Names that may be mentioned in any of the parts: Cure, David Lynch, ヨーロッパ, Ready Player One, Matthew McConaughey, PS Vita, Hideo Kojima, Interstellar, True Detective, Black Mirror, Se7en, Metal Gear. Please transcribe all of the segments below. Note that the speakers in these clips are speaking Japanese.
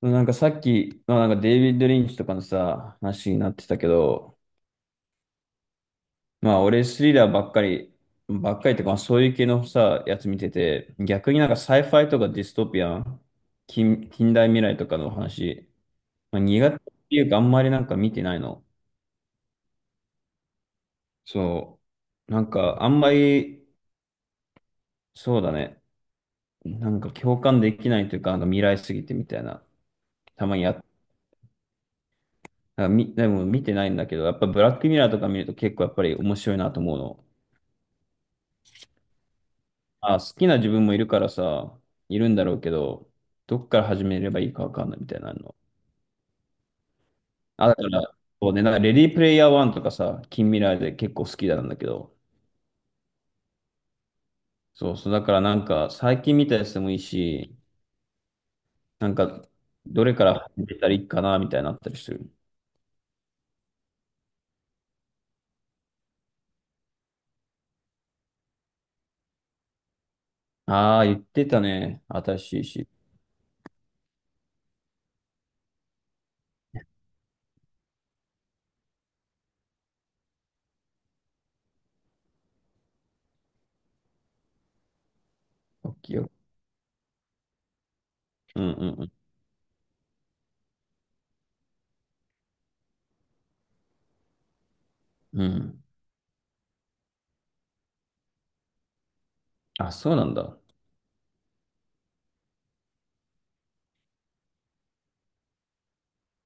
なんかさっき、まあ、なんかデイビッド・リンチとかのさ、話になってたけど、まあ俺スリラーばっかりとか、まあ、そういう系のさ、やつ見てて、逆になんかサイファイとかディストピアン、近代未来とかの話、まあ、苦手っていうかあんまりなんか見てないの。そう。なんかあんまり、そうだね。なんか共感できないというか、なんか未来すぎてみたいな。たまにやっ、なんかみ、でも見てないんだけど、やっぱブラックミラーとか見ると結構やっぱり面白いなと思うの。あ、好きな自分もいるからさ、いるんだろうけど、どっから始めればいいかわかんないみたいなの。あ、だから、そうね、なんかレディープレイヤー1とかさ、近未来で結構好きなんだけど、そうそう、だからなんか最近見たやつでもいいし、なんか、どれから始めたらいいかなみたいになったりする。ああ、言ってたね。新しいし。オッケーオッケー。うんうんうん。うん。あ、そうなんだ。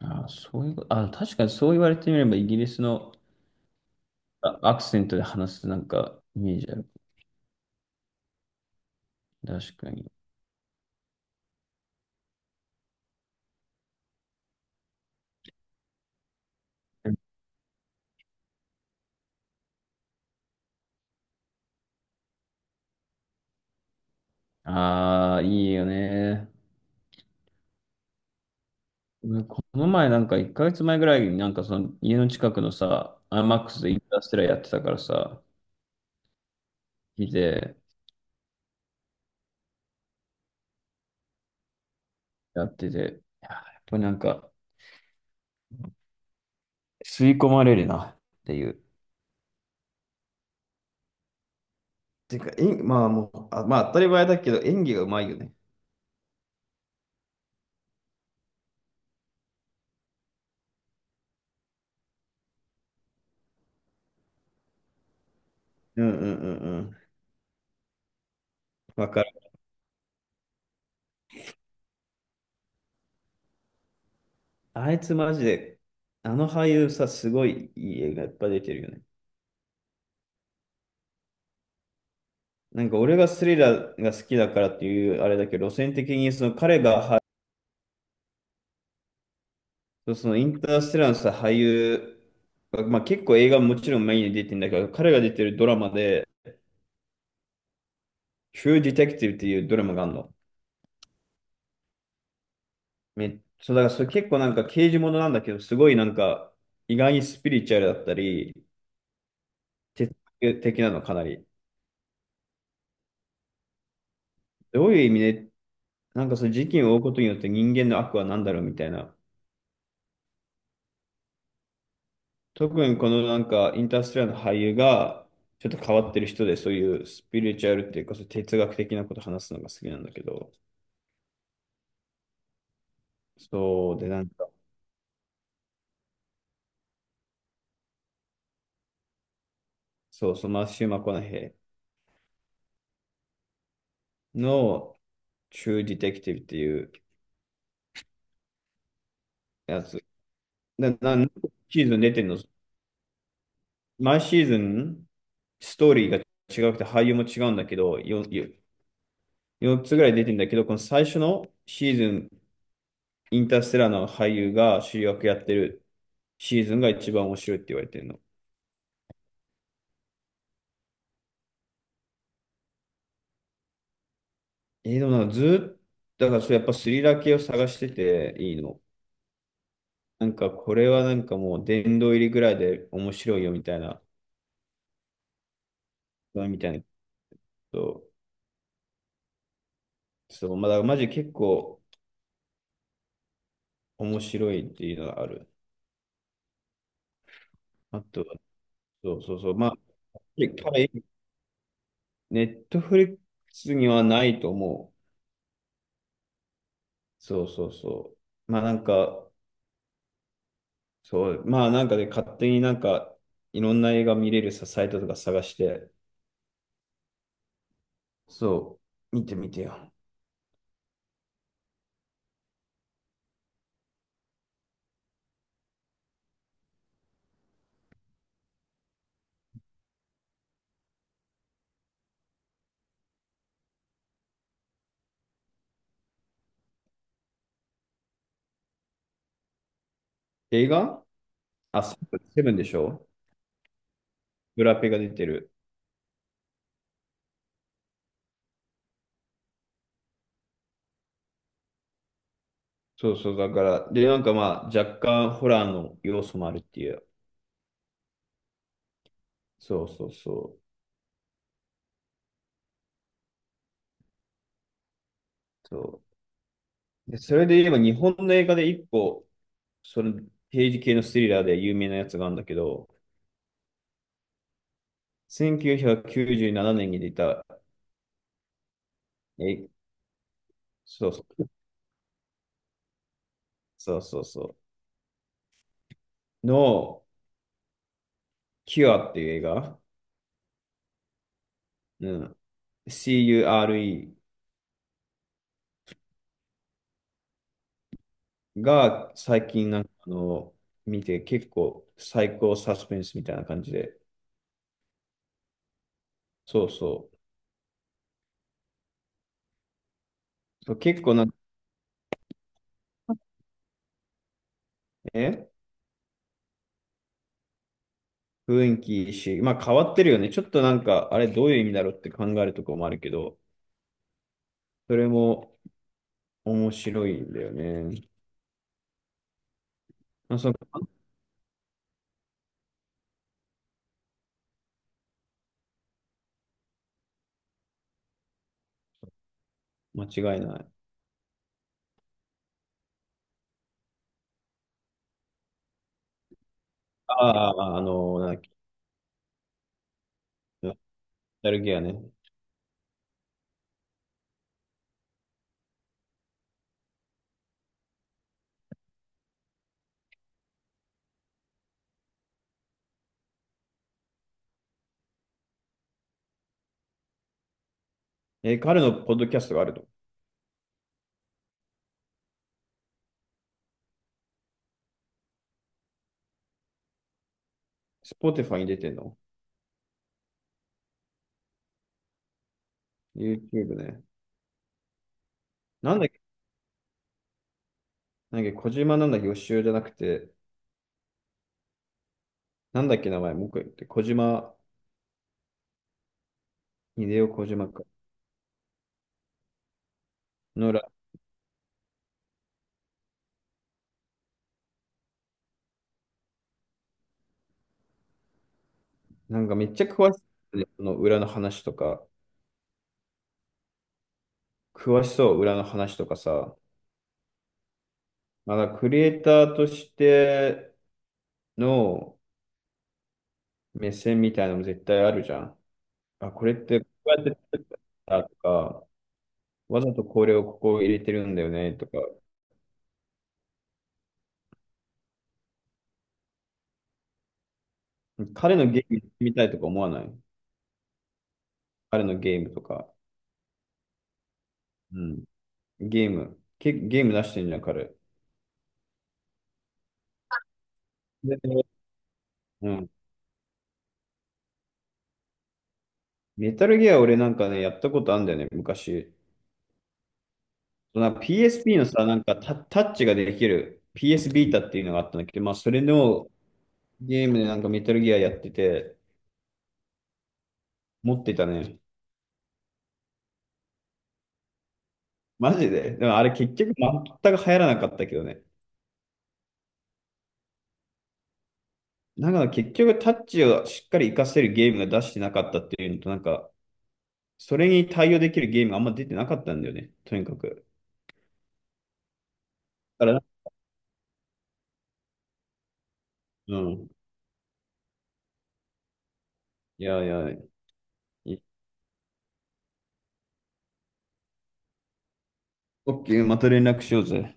あ、そういうこと、あ、確かにそう言われてみれば、イギリスのアクセントで話すなんかイメージある。確かに。ああ、いいよね。うん、この前なんか1ヶ月前ぐらいになんかその家の近くのさ、アイマックスでインターステラーやってたからさ、見て、やってて、いややっぱりなんか吸い込まれるなっていう。てか、えんまあもう、あ、まあ当たり前だけど演技がうまいよね。うんうんうんうん。わかる。あいつマジで、あの俳優さ、すごいいい映画いっぱい出てるよね。なんか俺がスリラーが好きだからっていうあれだけど、路線的にその彼が、そう、そのインターステラーのさ、俳優、まあ、結構映画ももちろんメインに出てるんだけど、彼が出てるドラマで、True Detective っていうドラマがあるの。そう、だからそれ結構なんか刑事ものなんだけど、すごいなんか意外にスピリチュアルだったり、哲学的なのかなり。どういう意味で、なんかその事件を追うことによって人間の悪は何だろうみたいな。特にこのなんかインターステラーの俳優がちょっと変わってる人で、そういうスピリチュアルっていうか、そう哲学的なこと話すのが好きなんだけど、そうで、なんか、そうそう、マシュー・マコナヘイの True Detective っていうやつ。何シーズン出てんの？毎シーズン、ストーリーが違くて俳優も違うんだけど、4、よ4つぐらい出てんだけど、この最初のシーズン、インターステラーの俳優が主役やってるシーズンが一番面白いって言われてるの。でもなんかずっと、だからそれやっぱスリラー系を探してていいの。なんかこれはなんかもう殿堂入りぐらいで面白いよみたいな、ことを、そう、まあ、だからマジ結構面白いっていうのがある。あとは、そうそうそう。まあ、彼、ネットフリックスにはないと思う。そうそうそう。まあなんか、そう、まあなんかで勝手になんか、いろんな映画見れるさ、サイトとか探して、そう、見てみてよ。映画。あ、セブンでしょ、ブラペが出てる。そうそう、だから、で、なんかまあ、若干ホラーの要素もあるっていう。そうそうそう。そうで、それで言えば日本の映画で一個、その刑事系のスリラーで有名なやつがあるんだけど、1997年に出た、え、そうそう、そうそうそう、の、キュアっていう映画、うん、CURE が最近なんか見て結構最高サスペンスみたいな感じで、そうそう、そう結構なんかね、雰囲気いいし、まあ変わってるよね。ちょっとなんか、あれどういう意味だろうって考えるところもあるけど、それも、面白いんだよね。まあ、そうか。間違いない。ああ、なんだっけ、ノスタルギアね。え、彼のポッドキャストがあると。Spotify に出てんの？ YouTube ね。なんだっけ、小島なんだっけ、予習じゃなくて、なんだっけ、名前、もう一回言って、小島、秀夫小島か。のら、なんかめっちゃ詳しい、ね、その裏の話とか、詳しそう、裏の話とかさ、まだクリエイターとしての目線みたいなのも絶対あるじゃん。あ、これって、こうやってだとか、わざとこれをここを入れてるんだよねとか、彼のゲームやってみたいとか思わない？彼のゲームとか。うん。ゲーム。ゲーム出してんじゃん、彼。で、うん。メタルギア俺なんかね、やったことあるんだよね、昔。なんか PSP のさ、なんかタッチができる PS ビータっていうのがあったんだけど、まあそれのゲームでなんかメタルギアやってて、持ってたね。マジで。でもあれ結局全く流行らなかったけどね。なんか結局タッチをしっかり活かせるゲームが出してなかったっていうのと、なんか、それに対応できるゲームがあんま出てなかったんだよね、とにかく。だから、うん。いやいや、オッケー、また連絡しようぜ。